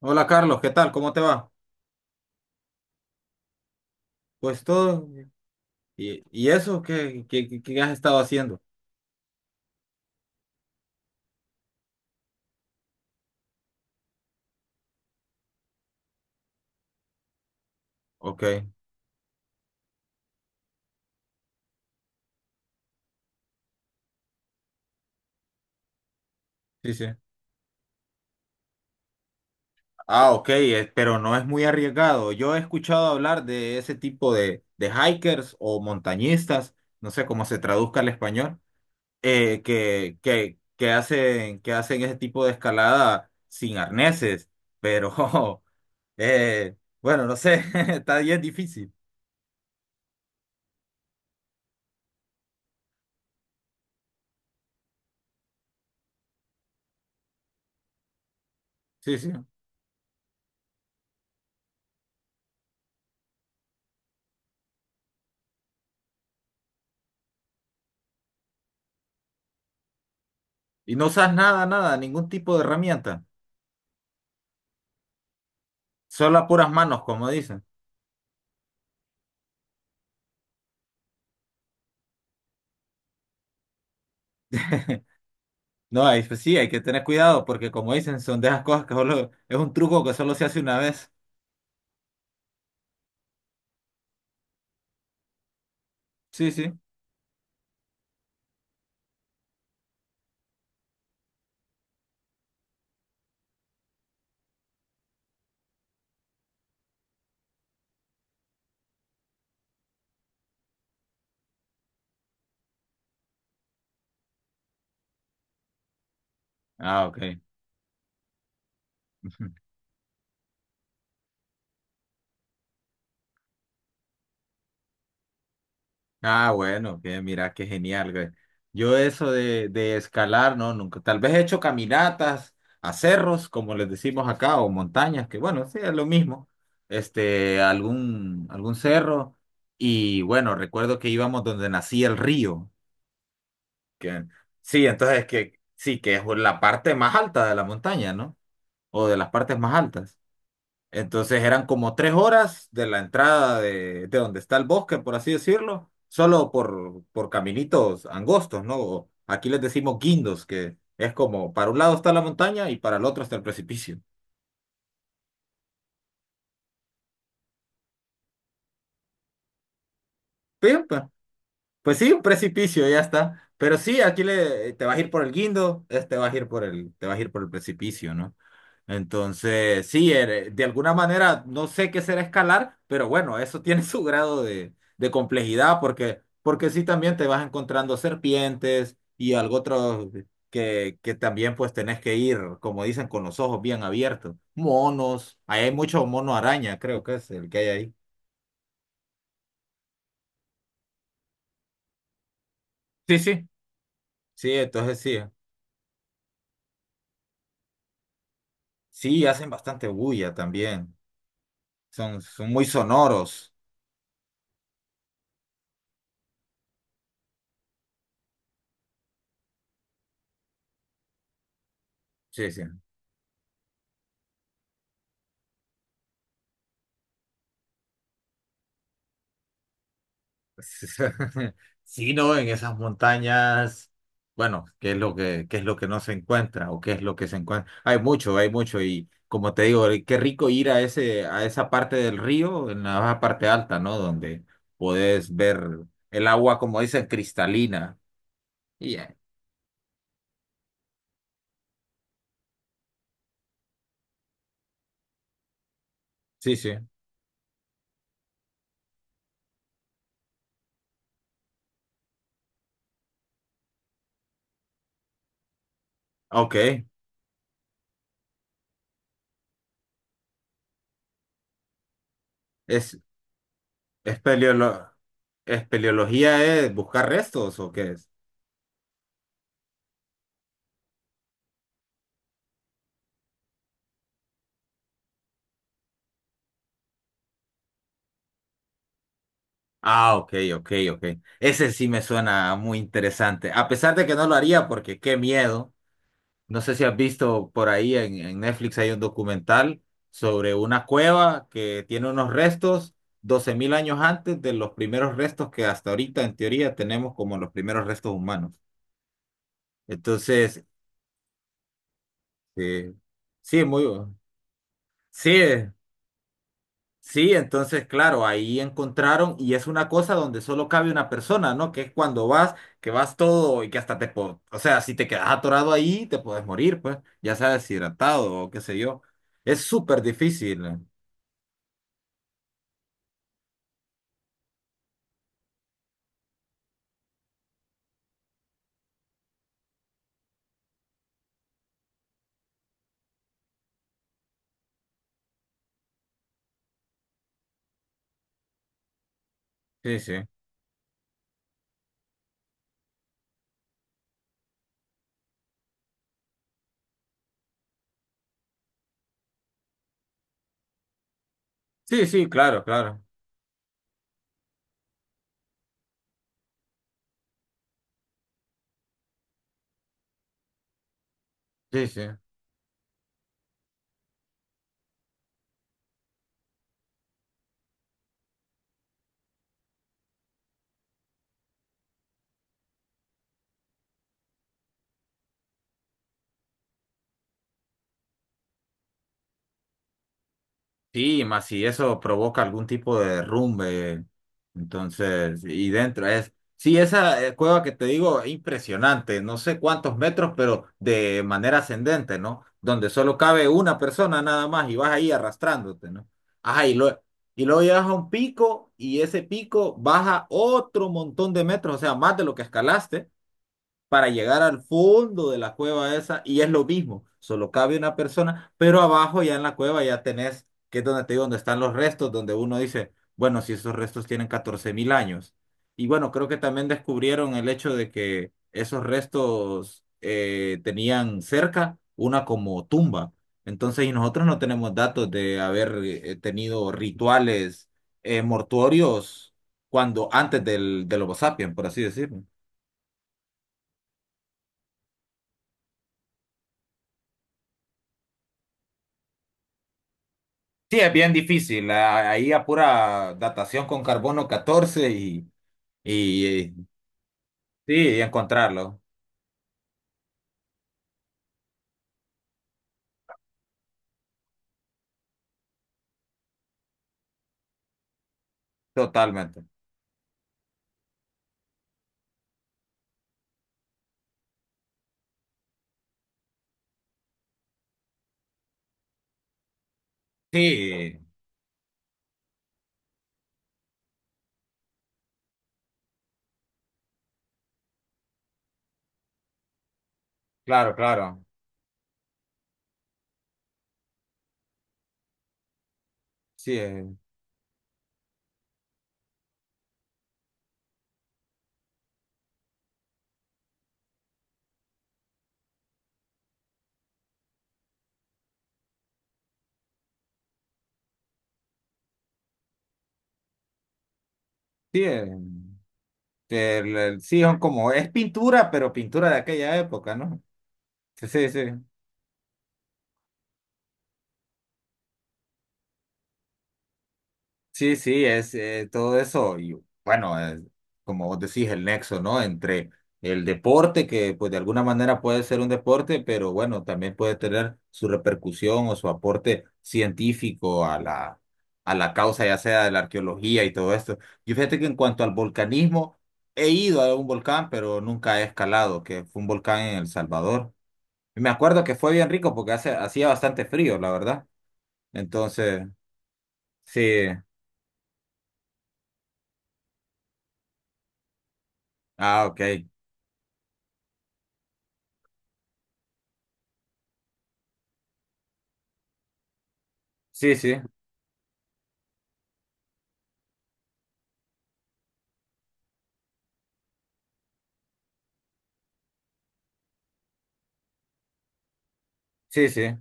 Hola Carlos, ¿qué tal? ¿Cómo te va? Pues todo. ¿Y eso qué has estado haciendo? Ok, sí, sí. Ah, ok, pero no es muy arriesgado. Yo he escuchado hablar de ese tipo de hikers o montañistas, no sé cómo se traduzca al español, que hacen ese tipo de escalada sin arneses, pero eh, bueno, no sé, está bien difícil. Sí, sí. Y no usas nada, nada, ningún tipo de herramienta. Solo a puras manos, como dicen. No, ahí pues sí, hay que tener cuidado porque como dicen, son de esas cosas que solo es un truco que solo se hace una vez. Sí, sí. Ah, ok. Ah, bueno, que mira, qué genial, güey. Yo eso de escalar, no, nunca. Tal vez he hecho caminatas a cerros, como les decimos acá, o montañas, que bueno, sí, es lo mismo. Este, algún cerro. Y bueno, recuerdo que íbamos donde nacía el río. Que- sí, entonces es que sí, que es la parte más alta de la montaña, ¿no? O de las partes más altas. Entonces eran como tres horas de la entrada de donde está el bosque, por así decirlo, solo por caminitos angostos, ¿no? O aquí les decimos guindos, que es como para un lado está la montaña y para el otro está el precipicio. Pues sí, un precipicio, ya está. Pero sí, aquí le, te vas a ir por el guindo, este vas a ir por el, te vas a ir por el precipicio, ¿no? Entonces, sí, de alguna manera no sé qué será escalar, pero bueno, eso tiene su grado de complejidad, porque sí también te vas encontrando serpientes y algo otro que también pues tenés que ir, como dicen, con los ojos bien abiertos. Monos, ahí hay mucho mono araña, creo que es el que hay ahí. Sí, sí. Sí, entonces sí. Sí, hacen bastante bulla también. Son muy sonoros. Sí, sí. Sí, no, en esas montañas, bueno, ¿qué es lo que, qué es lo que no se encuentra o qué es lo que se encuentra? Hay mucho y como te digo, qué rico ir a ese, a esa parte del río, en la parte alta, ¿no? Donde podés ver el agua, como dicen, cristalina. Y ya. Sí, sí. Ok. ¿Es espeleolo- espeleología es buscar restos o qué es? Ah, ok, ok, ok. Ese sí me suena muy interesante. A pesar de que no lo haría porque qué miedo. No sé si has visto por ahí en Netflix hay un documental sobre una cueva que tiene unos restos 12,000 años antes de los primeros restos que hasta ahorita en teoría tenemos como los primeros restos humanos. Entonces, eh, sí, muy... Sí, sí, entonces, claro, ahí encontraron y es una cosa donde solo cabe una persona, ¿no? Que es cuando vas, que vas todo y que hasta te... O sea, si te quedas atorado ahí, te puedes morir, pues, ya sea deshidratado o qué sé yo. Es súper difícil. Sí, sí. Sí, sí, claro, claro. Sí, sí. Sí, más si eso provoca algún tipo de derrumbe, entonces, y dentro es, sí, esa cueva que te digo, es impresionante, no sé cuántos metros, pero de manera ascendente, ¿no? Donde solo cabe una persona nada más y vas ahí arrastrándote, ¿no? Ajá, y, lo, y luego llegas a un pico y ese pico baja otro montón de metros, o sea, más de lo que escalaste para llegar al fondo de la cueva esa y es lo mismo, solo cabe una persona, pero abajo ya en la cueva ya tenés, que es donde te digo, donde están los restos, donde uno dice, bueno, si esos restos tienen 14,000 años. Y bueno, creo que también descubrieron el hecho de que esos restos tenían cerca una como tumba. Entonces, y nosotros no tenemos datos de haber tenido rituales mortuorios cuando antes del Homo sapiens, por así decirlo. Sí, es bien difícil. Ahí a pura datación con carbono 14 y, sí, y encontrarlo. Totalmente. Sí, claro, claro. Sí, sí, sí, son como, es pintura, pero pintura de aquella época, ¿no? Sí, sí, sí. Sí, sí, es todo eso. Y bueno, como vos decís, el nexo, ¿no? Entre el deporte, que pues de alguna manera puede ser un deporte, pero bueno, también puede tener su repercusión o su aporte científico a la causa, ya sea de la arqueología y todo esto. Yo fíjate que en cuanto al volcanismo, he ido a un volcán, pero nunca he escalado, que fue un volcán en El Salvador. Y me acuerdo que fue bien rico porque hace, hacía bastante frío, la verdad. Entonces, sí. Ah, ok. Sí, sí, sí, sí.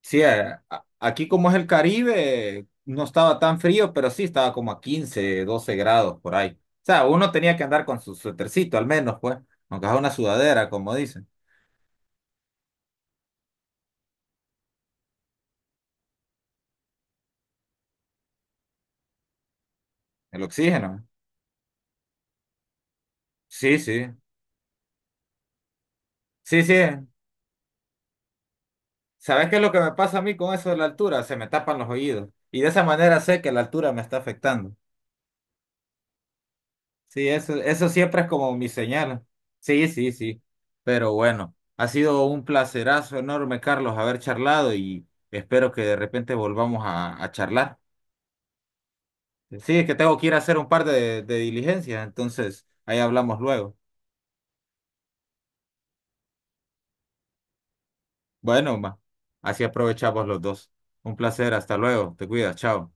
Sí, aquí como es el Caribe, no estaba tan frío, pero sí estaba como a 15 o 12 grados por ahí. O sea, uno tenía que andar con su suétercito al menos, pues, aunque es una sudadera, como dicen, el oxígeno. Sí, sí, sí, sí. ¿Sabes qué es lo que me pasa a mí con eso de la altura? Se me tapan los oídos. Y de esa manera sé que la altura me está afectando. Sí, eso siempre es como mi señal. Sí, sí, sí. Pero bueno, ha sido un placerazo enorme, Carlos, haber charlado y espero que de repente volvamos a charlar. Sí, es que tengo que ir a hacer un par de diligencias, entonces ahí hablamos luego. Bueno, ma, así aprovechamos los dos. Un placer, hasta luego, te cuidas, chao.